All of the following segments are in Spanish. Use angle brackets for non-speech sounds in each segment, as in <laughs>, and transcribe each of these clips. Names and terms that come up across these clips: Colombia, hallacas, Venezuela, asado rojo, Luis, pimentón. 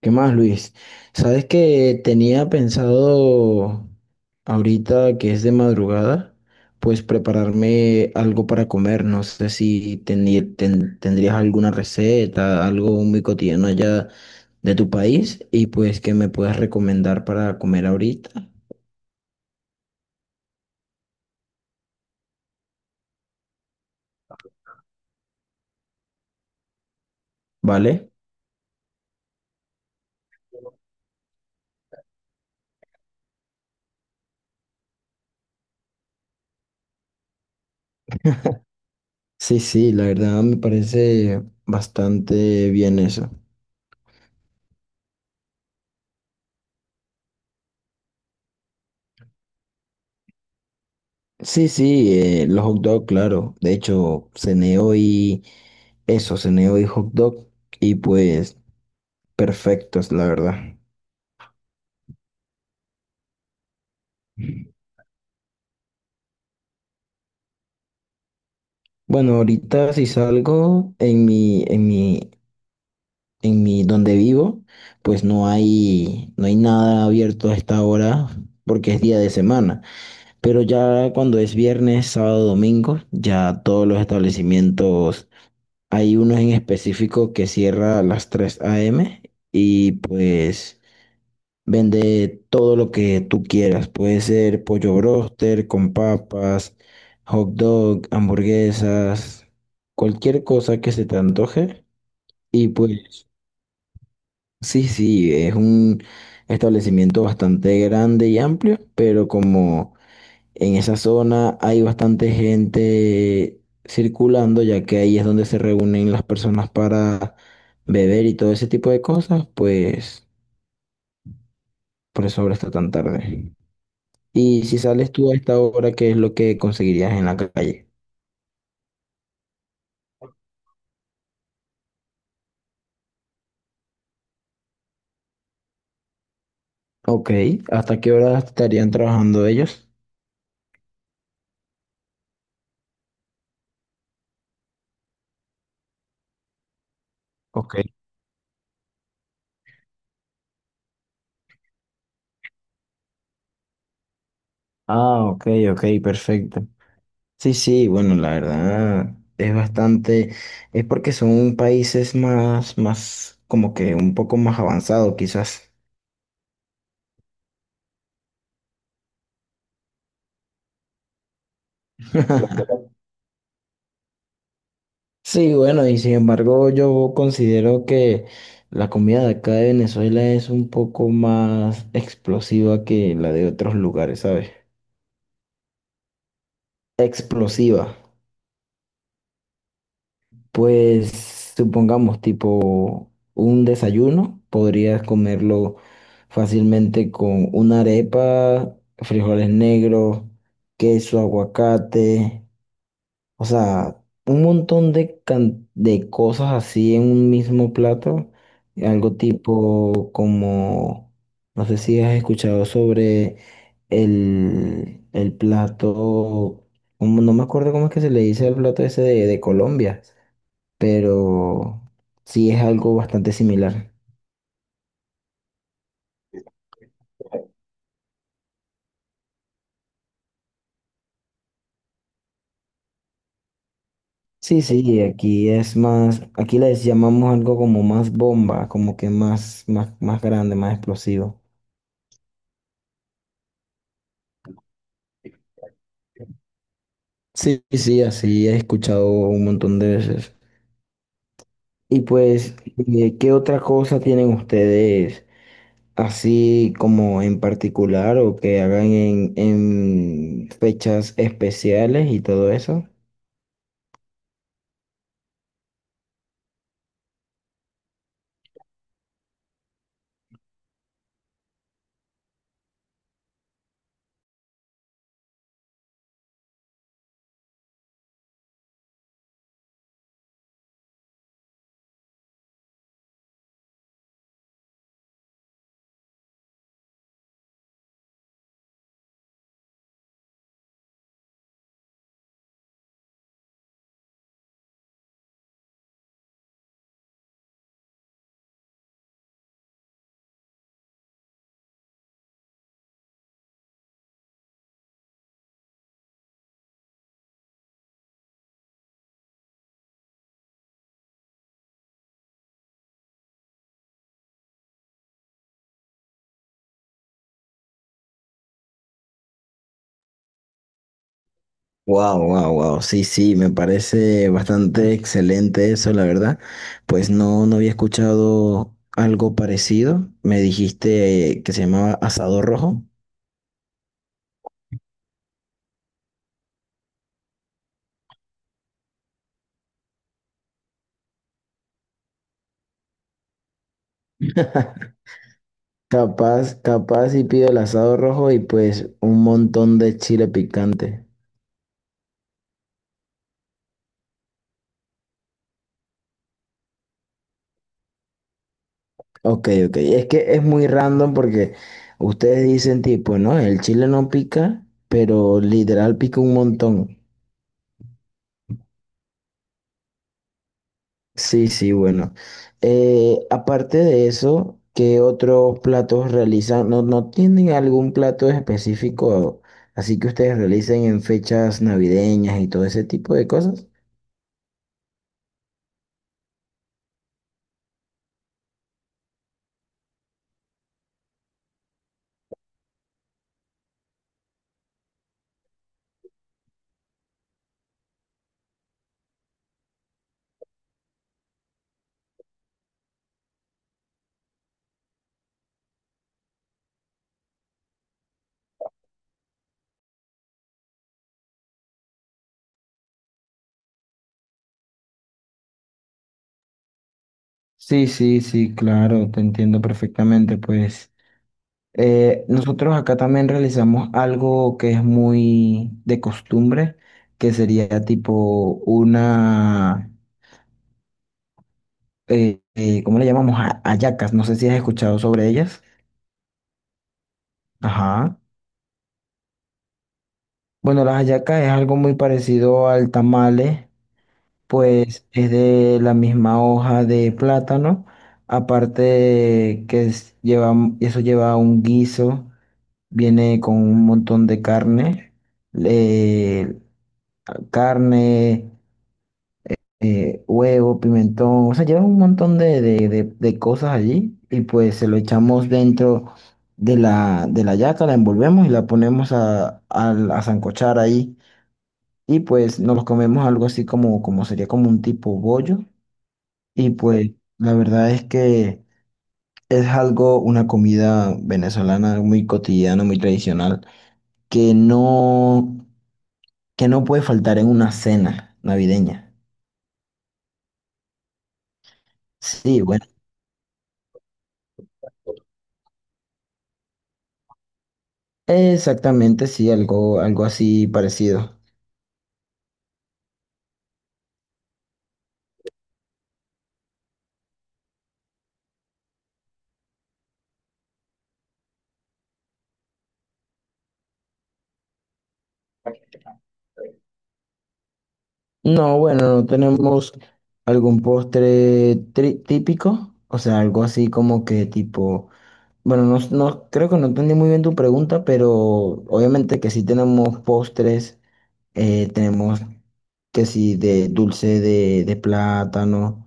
¿Qué más, Luis? Sabes que tenía pensado ahorita que es de madrugada, pues prepararme algo para comer. No sé si tendrías alguna receta, algo muy cotidiano allá de tu país y pues que me puedas recomendar para comer ahorita, ¿vale? Sí, sí, la verdad me parece bastante bien eso. Sí, sí, los hot dog, claro. De hecho, cené hoy eso, cené hoy hot dog y pues perfectos, la verdad. Bueno, ahorita si salgo en mi donde vivo, pues no hay nada abierto a esta hora porque es día de semana. Pero ya cuando es viernes, sábado, domingo, ya todos los establecimientos, hay uno en específico que cierra a las 3 a.m. y pues vende todo lo que tú quieras. Puede ser pollo broster con papas, hot dog, hamburguesas, cualquier cosa que se te antoje. Y pues, sí, sí, es un establecimiento bastante grande y amplio, pero como en esa zona hay bastante gente circulando, ya que ahí es donde se reúnen las personas para beber y todo ese tipo de cosas, pues por eso ahora está tan tarde. Y si sales tú a esta hora, ¿qué es lo que conseguirías en la calle? Ok, ¿hasta qué hora estarían trabajando ellos? Ok. Ah, ok, ok, perfecto. Sí, sí, bueno, la verdad es bastante, es porque son países más, más, como que un poco más avanzados quizás. <laughs> Sí, bueno, y sin embargo yo considero que la comida de acá de Venezuela es un poco más explosiva que la de otros lugares, ¿sabes? Explosiva. Pues supongamos tipo un desayuno, podrías comerlo fácilmente con una arepa, frijoles negros, queso, aguacate, o sea, un montón de, de cosas así en un mismo plato, algo tipo como, no sé si has escuchado sobre el plato, como- no me acuerdo cómo es que se le dice el plato ese de Colombia pero sí es algo bastante similar. Sí, sí, aquí es más, aquí les llamamos algo como más bomba, como que más, más, más grande, más explosivo. Sí, sí, así he escuchado un montón de veces. Y pues, ¿qué otra cosa tienen ustedes así como en particular o que hagan en fechas especiales y todo eso? Wow, wow, wow. Sí, sí, me parece bastante excelente eso, la verdad. Pues no, no había escuchado algo parecido. Me dijiste que se llamaba asado rojo. <laughs> Capaz, capaz y pido el asado rojo y pues un montón de chile picante. Ok, ok. Es que es muy random porque ustedes dicen tipo, no, el chile no pica, pero literal pica un montón. Sí, sí, bueno. Aparte de eso, ¿qué otros platos realizan? ¿No, no tienen algún plato específico así que ustedes realicen en fechas navideñas y todo ese tipo de cosas? Sí, sí, sí, claro, te entiendo perfectamente. Pues nosotros acá también realizamos algo que es muy de costumbre, que sería tipo una, ¿cómo le llamamos? Hallacas, no sé si has escuchado sobre ellas. Ajá. Bueno, las hallacas es algo muy parecido al tamale, pues es de la misma hoja de plátano, aparte que lleva, eso lleva un guiso, viene con un montón de carne, eh, carne, huevo, pimentón, o sea, lleva un montón de, de cosas allí y pues se lo echamos dentro de la hallaca, la envolvemos y la ponemos a sancochar ahí y pues nos los comemos algo así como, como sería como un tipo bollo y pues la verdad es que es algo, una comida venezolana muy cotidiana, muy tradicional, que no, que no puede faltar en una cena navideña. Sí, bueno, exactamente, sí, algo, algo así parecido. No, bueno, no tenemos algún postre típico, o sea, algo así como que tipo. Bueno, creo que no entendí muy bien tu pregunta, pero obviamente que sí tenemos postres, tenemos que sí de dulce de plátano,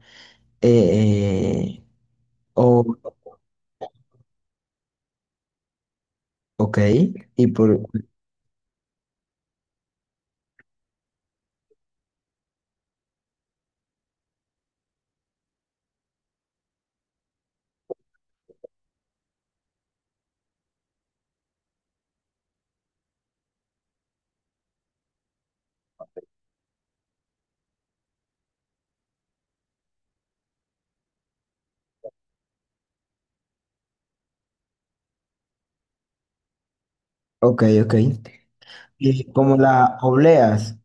eh, eh, o, ok, y por, ok, ok, y como las obleas,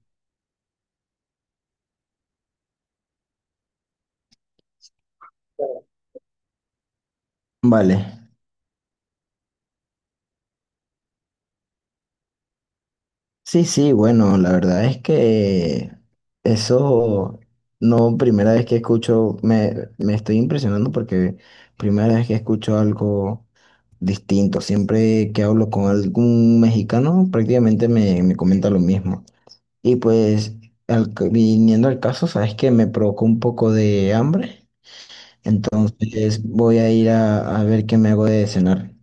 vale. Sí, sí, bueno, la verdad es que eso no, primera vez que escucho, me estoy impresionando porque primera vez que escucho algo distinto. Siempre que hablo con algún mexicano, prácticamente me, me comenta lo mismo. Y pues, viniendo al caso, sabes que me provocó un poco de hambre. Entonces voy a ir a ver qué me hago de cenar.